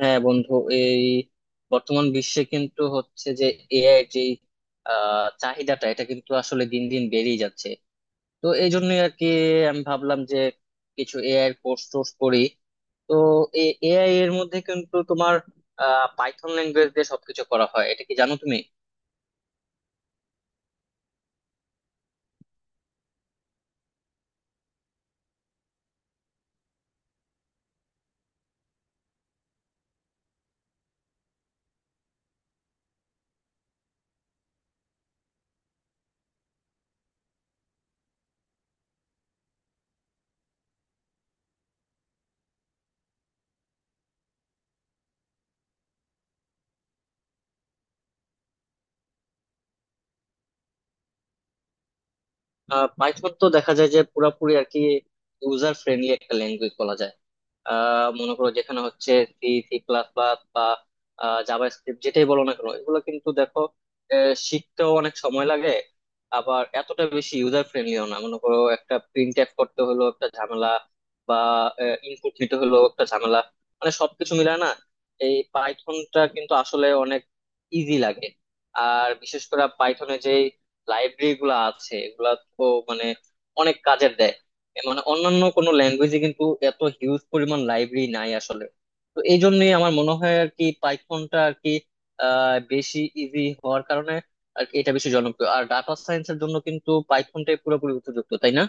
হ্যাঁ বন্ধু। এই বর্তমান বিশ্বে কিন্তু হচ্ছে যে এআই যে চাহিদাটা এটা কিন্তু আসলে দিন দিন বেড়েই যাচ্ছে। তো এই জন্য আর কি আমি ভাবলাম যে কিছু এআই এর কোর্স টোর্স করি। তো এআই এর মধ্যে কিন্তু তোমার পাইথন ল্যাঙ্গুয়েজ দিয়ে সবকিছু করা হয়, এটা কি জানো তুমি? পাইথন তো দেখা যায় যে পুরাপুরি আর কি ইউজার ফ্রেন্ডলি একটা ল্যাঙ্গুয়েজ বলা যায়। মনে করো যেখানে হচ্ছে সি সি প্লাস প্লাস বা জাভা স্ক্রিপ্ট যেটাই বলো না কেন, এগুলো কিন্তু দেখো শিখতেও অনেক সময় লাগে। আবার এতটা বেশি ইউজার ফ্রেন্ডলিও না, মনে করো একটা প্রিন্ট এফ করতে হলো একটা ঝামেলা, বা ইনপুট নিতে হলো একটা ঝামেলা, মানে সবকিছু মিলায় না। এই পাইথনটা কিন্তু আসলে অনেক ইজি লাগে। আর বিশেষ করে পাইথনে যে লাইব্রেরি গুলো আছে এগুলা তো মানে অনেক কাজের দেয়। এ মানে অন্যান্য কোনো ল্যাঙ্গুয়েজে কিন্তু এত হিউজ পরিমাণ লাইব্রেরি নাই আসলে। তো এই জন্যই আমার মনে হয় আর কি পাইথনটা আর কি বেশি ইজি হওয়ার কারণে আর কি এটা বেশি জনপ্রিয়। আর ডাটা সায়েন্সের জন্য কিন্তু পাইথনটাই পুরোপুরি উপযুক্ত, তাই না?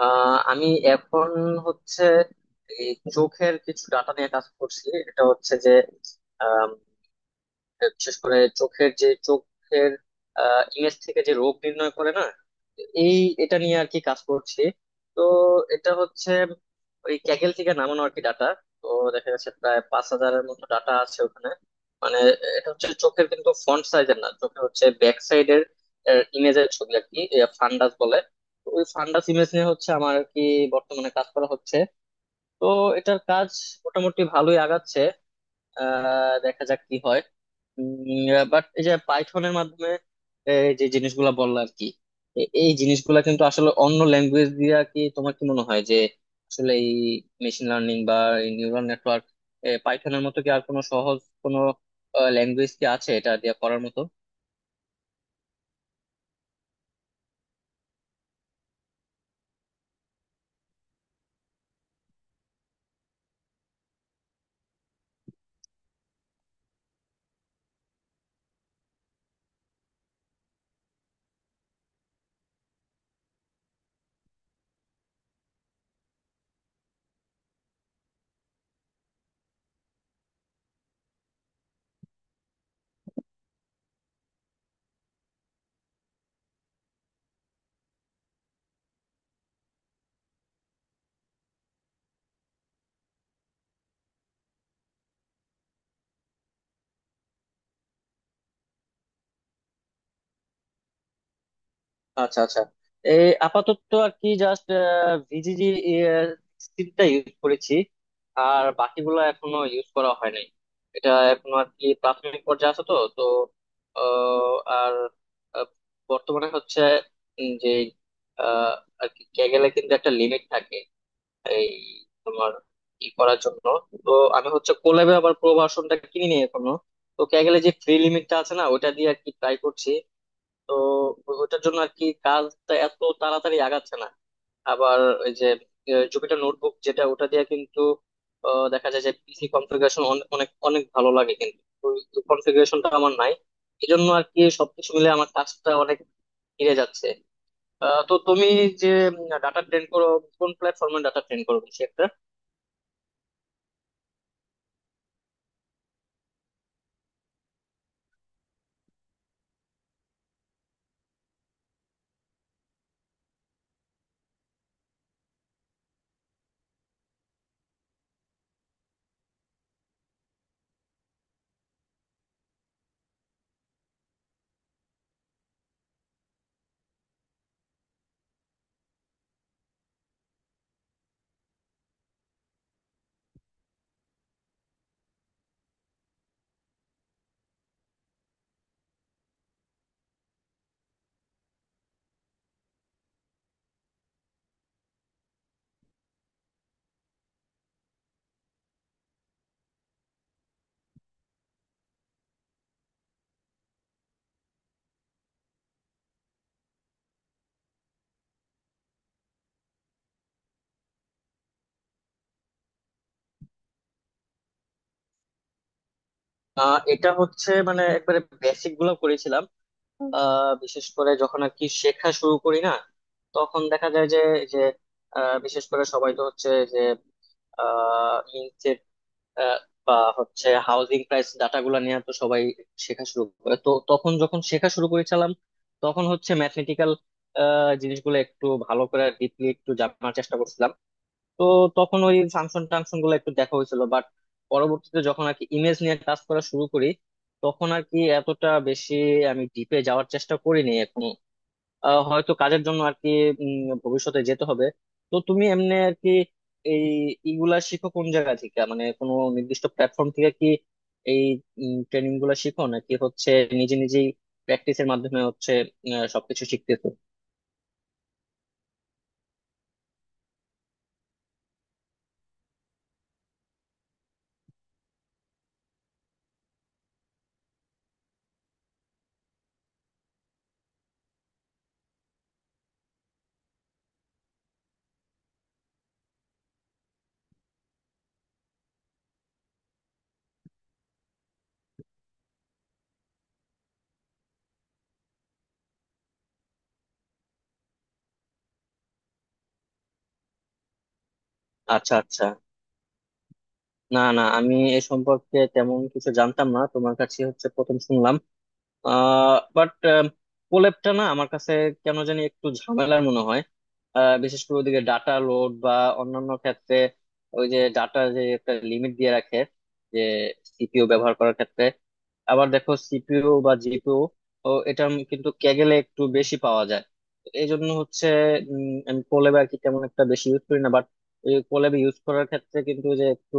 আমি এখন হচ্ছে এই চোখের কিছু ডাটা নিয়ে কাজ করছি। এটা হচ্ছে যে বিশেষ করে চোখের ইমেজ থেকে যে রোগ নির্ণয় করে না, এই এটা নিয়ে আর কি কাজ করছি। তো এটা হচ্ছে ওই ক্যাগেল থেকে নামানো আর কি ডাটা। তো দেখা যাচ্ছে প্রায় পাঁচ হাজারের মতো ডাটা আছে ওখানে। মানে এটা হচ্ছে চোখের কিন্তু ফ্রন্ট সাইজের না, চোখের হচ্ছে ব্যাক সাইডের ইমেজের ছবি আর কি, ফান্ডাস বলে। তো ওই ফান্ডাস ইমেজ নিয়ে হচ্ছে আমার আর কি বর্তমানে কাজ করা হচ্ছে। তো এটার কাজ মোটামুটি ভালোই আগাচ্ছে। দেখা যাক কি হয়। বাট এই যে পাইথনের মাধ্যমে এই যে জিনিসগুলা বললো আর কি, এই জিনিসগুলা কিন্তু আসলে অন্য ল্যাঙ্গুয়েজ দিয়া কি, তোমার কি মনে হয় যে আসলে এই মেশিন লার্নিং বা নিউরাল নেটওয়ার্ক পাইথনের মতো কি আর কোনো সহজ কোনো ল্যাঙ্গুয়েজ কি আছে এটা দিয়ে করার মতো? আচ্ছা আচ্ছা। এই আপাতত আর কি জাস্ট ভিজিজি সিটটা ইউজ করেছি, আর বাকিগুলো এখনো ইউজ করা হয় নাই। এটা এখনো আর কি প্রাথমিক পর্যায়ে আছে। তো তো আহ, আর আহ, বর্তমানে হচ্ছে উম যে আহ, আর কি ক্যাগেলে কিন্তু একটা লিমিট থাকে এই তোমার ই করার জন্য। তো আমি হচ্ছে কোল্যাবে আবার প্রো ভার্সনটা কিনি নি এখনো। তো ক্যাগেলে যে ফ্রি লিমিটটা আছে না ওটা দিয়ে আর কি ট্রাই করছি। তো ওটার জন্য আর কি কাজটা এত তাড়াতাড়ি আগাচ্ছে না। আবার ওই যে জুপিটার নোটবুক যেটা ওটা দিয়ে কিন্তু দেখা যায় যে পিসি কনফিগারেশন অনেক অনেক ভালো লাগে, কিন্তু কনফিগারেশনটা আমার নাই। এই জন্য আর কি সবকিছু মিলে আমার কাজটা অনেক এড়ে যাচ্ছে। তো তুমি যে ডাটা ট্রেন করো, কোন প্ল্যাটফর্মে ডাটা ট্রেন করো বেশি একটা? এটা হচ্ছে মানে একবারে বেসিক গুলো করেছিলাম। বিশেষ করে যখন আর কি শেখা শুরু করি না, তখন দেখা যায় যে যে বিশেষ করে সবাই তো হচ্ছে যে ইনসেট বা হচ্ছে হাউজিং প্রাইস ডাটা গুলা নিয়ে তো সবাই শেখা শুরু করে। তো তখন যখন শেখা শুরু করেছিলাম তখন হচ্ছে ম্যাথমেটিক্যাল জিনিসগুলো একটু ভালো করে ডিপলি একটু জানার চেষ্টা করছিলাম। তো তখন ওই ফাংশন টাংশন গুলো একটু দেখা হয়েছিল, বাট পরবর্তীতে যখন আর কি ইমেজ নিয়ে কাজ করা শুরু করি তখন আর কি এতটা বেশি আমি ডিপে যাওয়ার চেষ্টা করিনি এখন। হয়তো কাজের জন্য আর কি উম, ভবিষ্যতে যেতে হবে। তো তুমি এমনি আর কি এই ইগুলা শিখো কোন জায়গা থেকে, মানে কোনো নির্দিষ্ট প্ল্যাটফর্ম থেকে কি এই ট্রেনিং গুলা শিখো নাকি হচ্ছে নিজে নিজেই প্র্যাকটিসের মাধ্যমে হচ্ছে সবকিছু শিখতেছো? আচ্ছা আচ্ছা। না না আমি এ সম্পর্কে তেমন কিছু জানতাম না, তোমার কাছে হচ্ছে প্রথম শুনলাম। বাট কোলেবটা না আমার কাছে কেন জানি একটু ঝামেলার মনে হয়। বিশেষ করে ওদিকে ডাটা লোড বা অন্যান্য ক্ষেত্রে ওই যে ডাটা যে একটা লিমিট দিয়ে রাখে যে সিপিইউ ব্যবহার করার ক্ষেত্রে। আবার দেখো সিপিইউ বা জিপিইউ ও এটা কিন্তু ক্যাগেলে একটু বেশি পাওয়া যায়। তো এই জন্য হচ্ছে আমি কোলেব আর কি তেমন একটা বেশি ইউজ করি না। বাট ওই কোলেব ইউজ করার ক্ষেত্রে কিন্তু যে একটু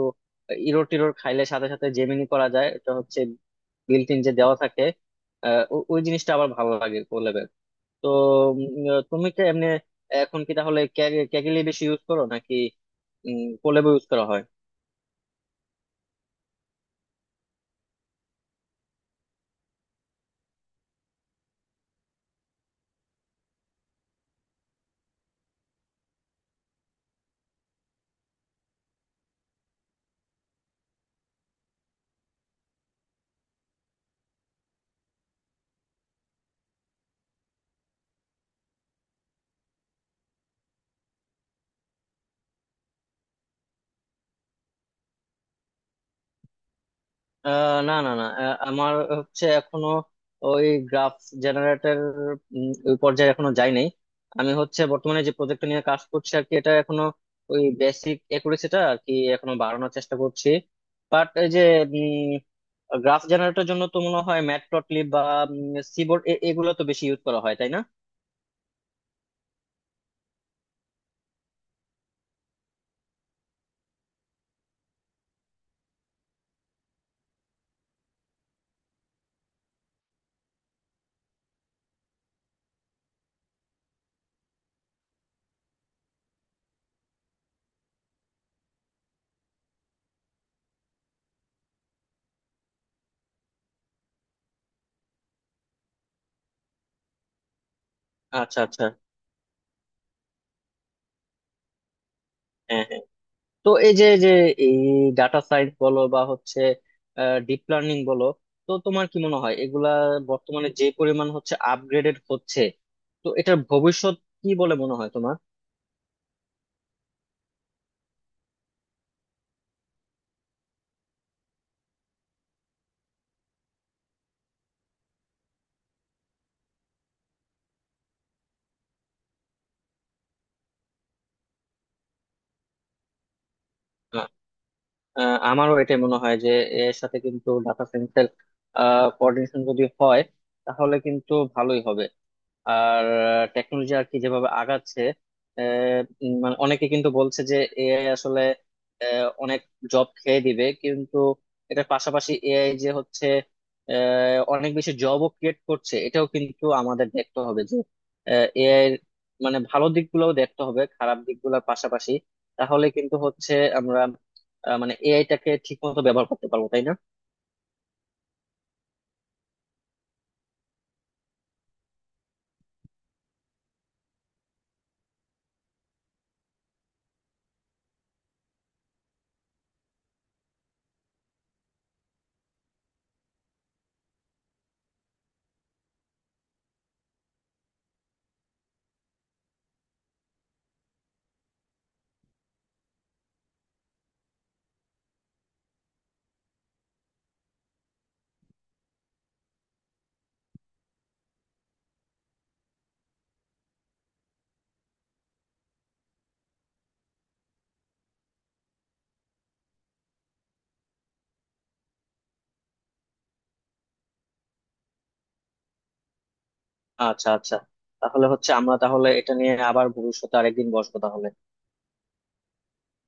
ইরো টিরোর খাইলে সাথে সাথে জেমিনি করা যায়, এটা হচ্ছে বিল্ট ইন যে দেওয়া থাকে। ওই জিনিসটা আবার ভালো লাগে কোল্যাবের। তো তুমি কি এমনি এখন কি তাহলে ক্যাগেলি বেশি ইউজ করো নাকি কোল্যাবও ইউজ করা হয়? আহ, না না না, আমার হচ্ছে এখনো ওই গ্রাফ জেনারেটর ওই পর্যায়ে এখনো যাই নাই। আমি হচ্ছে বর্তমানে যে প্রজেক্ট নিয়ে কাজ করছি আর কি, এটা এখনো ওই বেসিক একুরেসিটা আর কি এখনো বাড়ানোর চেষ্টা করছি। বাট এই যে গ্রাফ জেনারেটর জন্য তো মনে হয় ম্যাটপ্লটলিব বা সিবোর্ড এগুলো তো বেশি ইউজ করা হয়, তাই না? আচ্ছা আচ্ছা, হ্যাঁ হ্যাঁ। তো এই যে যে এই ডাটা সায়েন্স বলো বা হচ্ছে ডিপ লার্নিং বলো, তো তোমার কি মনে হয় এগুলা বর্তমানে যে পরিমাণ হচ্ছে আপগ্রেডেড হচ্ছে, তো এটার ভবিষ্যৎ কি বলে মনে হয় তোমার? আ- আ- আমারও এটা মনে হয় যে এর সাথে কিন্তু ডাটা সায়েন্সের কোঅর্ডিনেশন যদি হয় তাহলে কিন্তু ভালোই হবে। আর টেকনোলজি আর কি যেভাবে আগাচ্ছে মানে অনেকে কিন্তু বলছে যে এআই আসলে অনেক জব খেয়ে দিবে, কিন্তু এটার পাশাপাশি এআই যে হচ্ছে অনেক বেশি জবও ক্রিয়েট করছে, এটাও কিন্তু আমাদের দেখতে হবে যে এআই এর মানে ভালো দিকগুলোও দেখতে হবে খারাপ দিকগুলোর পাশাপাশি। তাহলে কিন্তু হচ্ছে আমরা মানে এআইটাকে ঠিক মতো ব্যবহার করতে পারবো, তাই না? আচ্ছা আচ্ছা। তাহলে হচ্ছে আমরা তাহলে এটা নিয়ে আবার ভবিষ্যতে আরেকদিন বসবো তাহলে।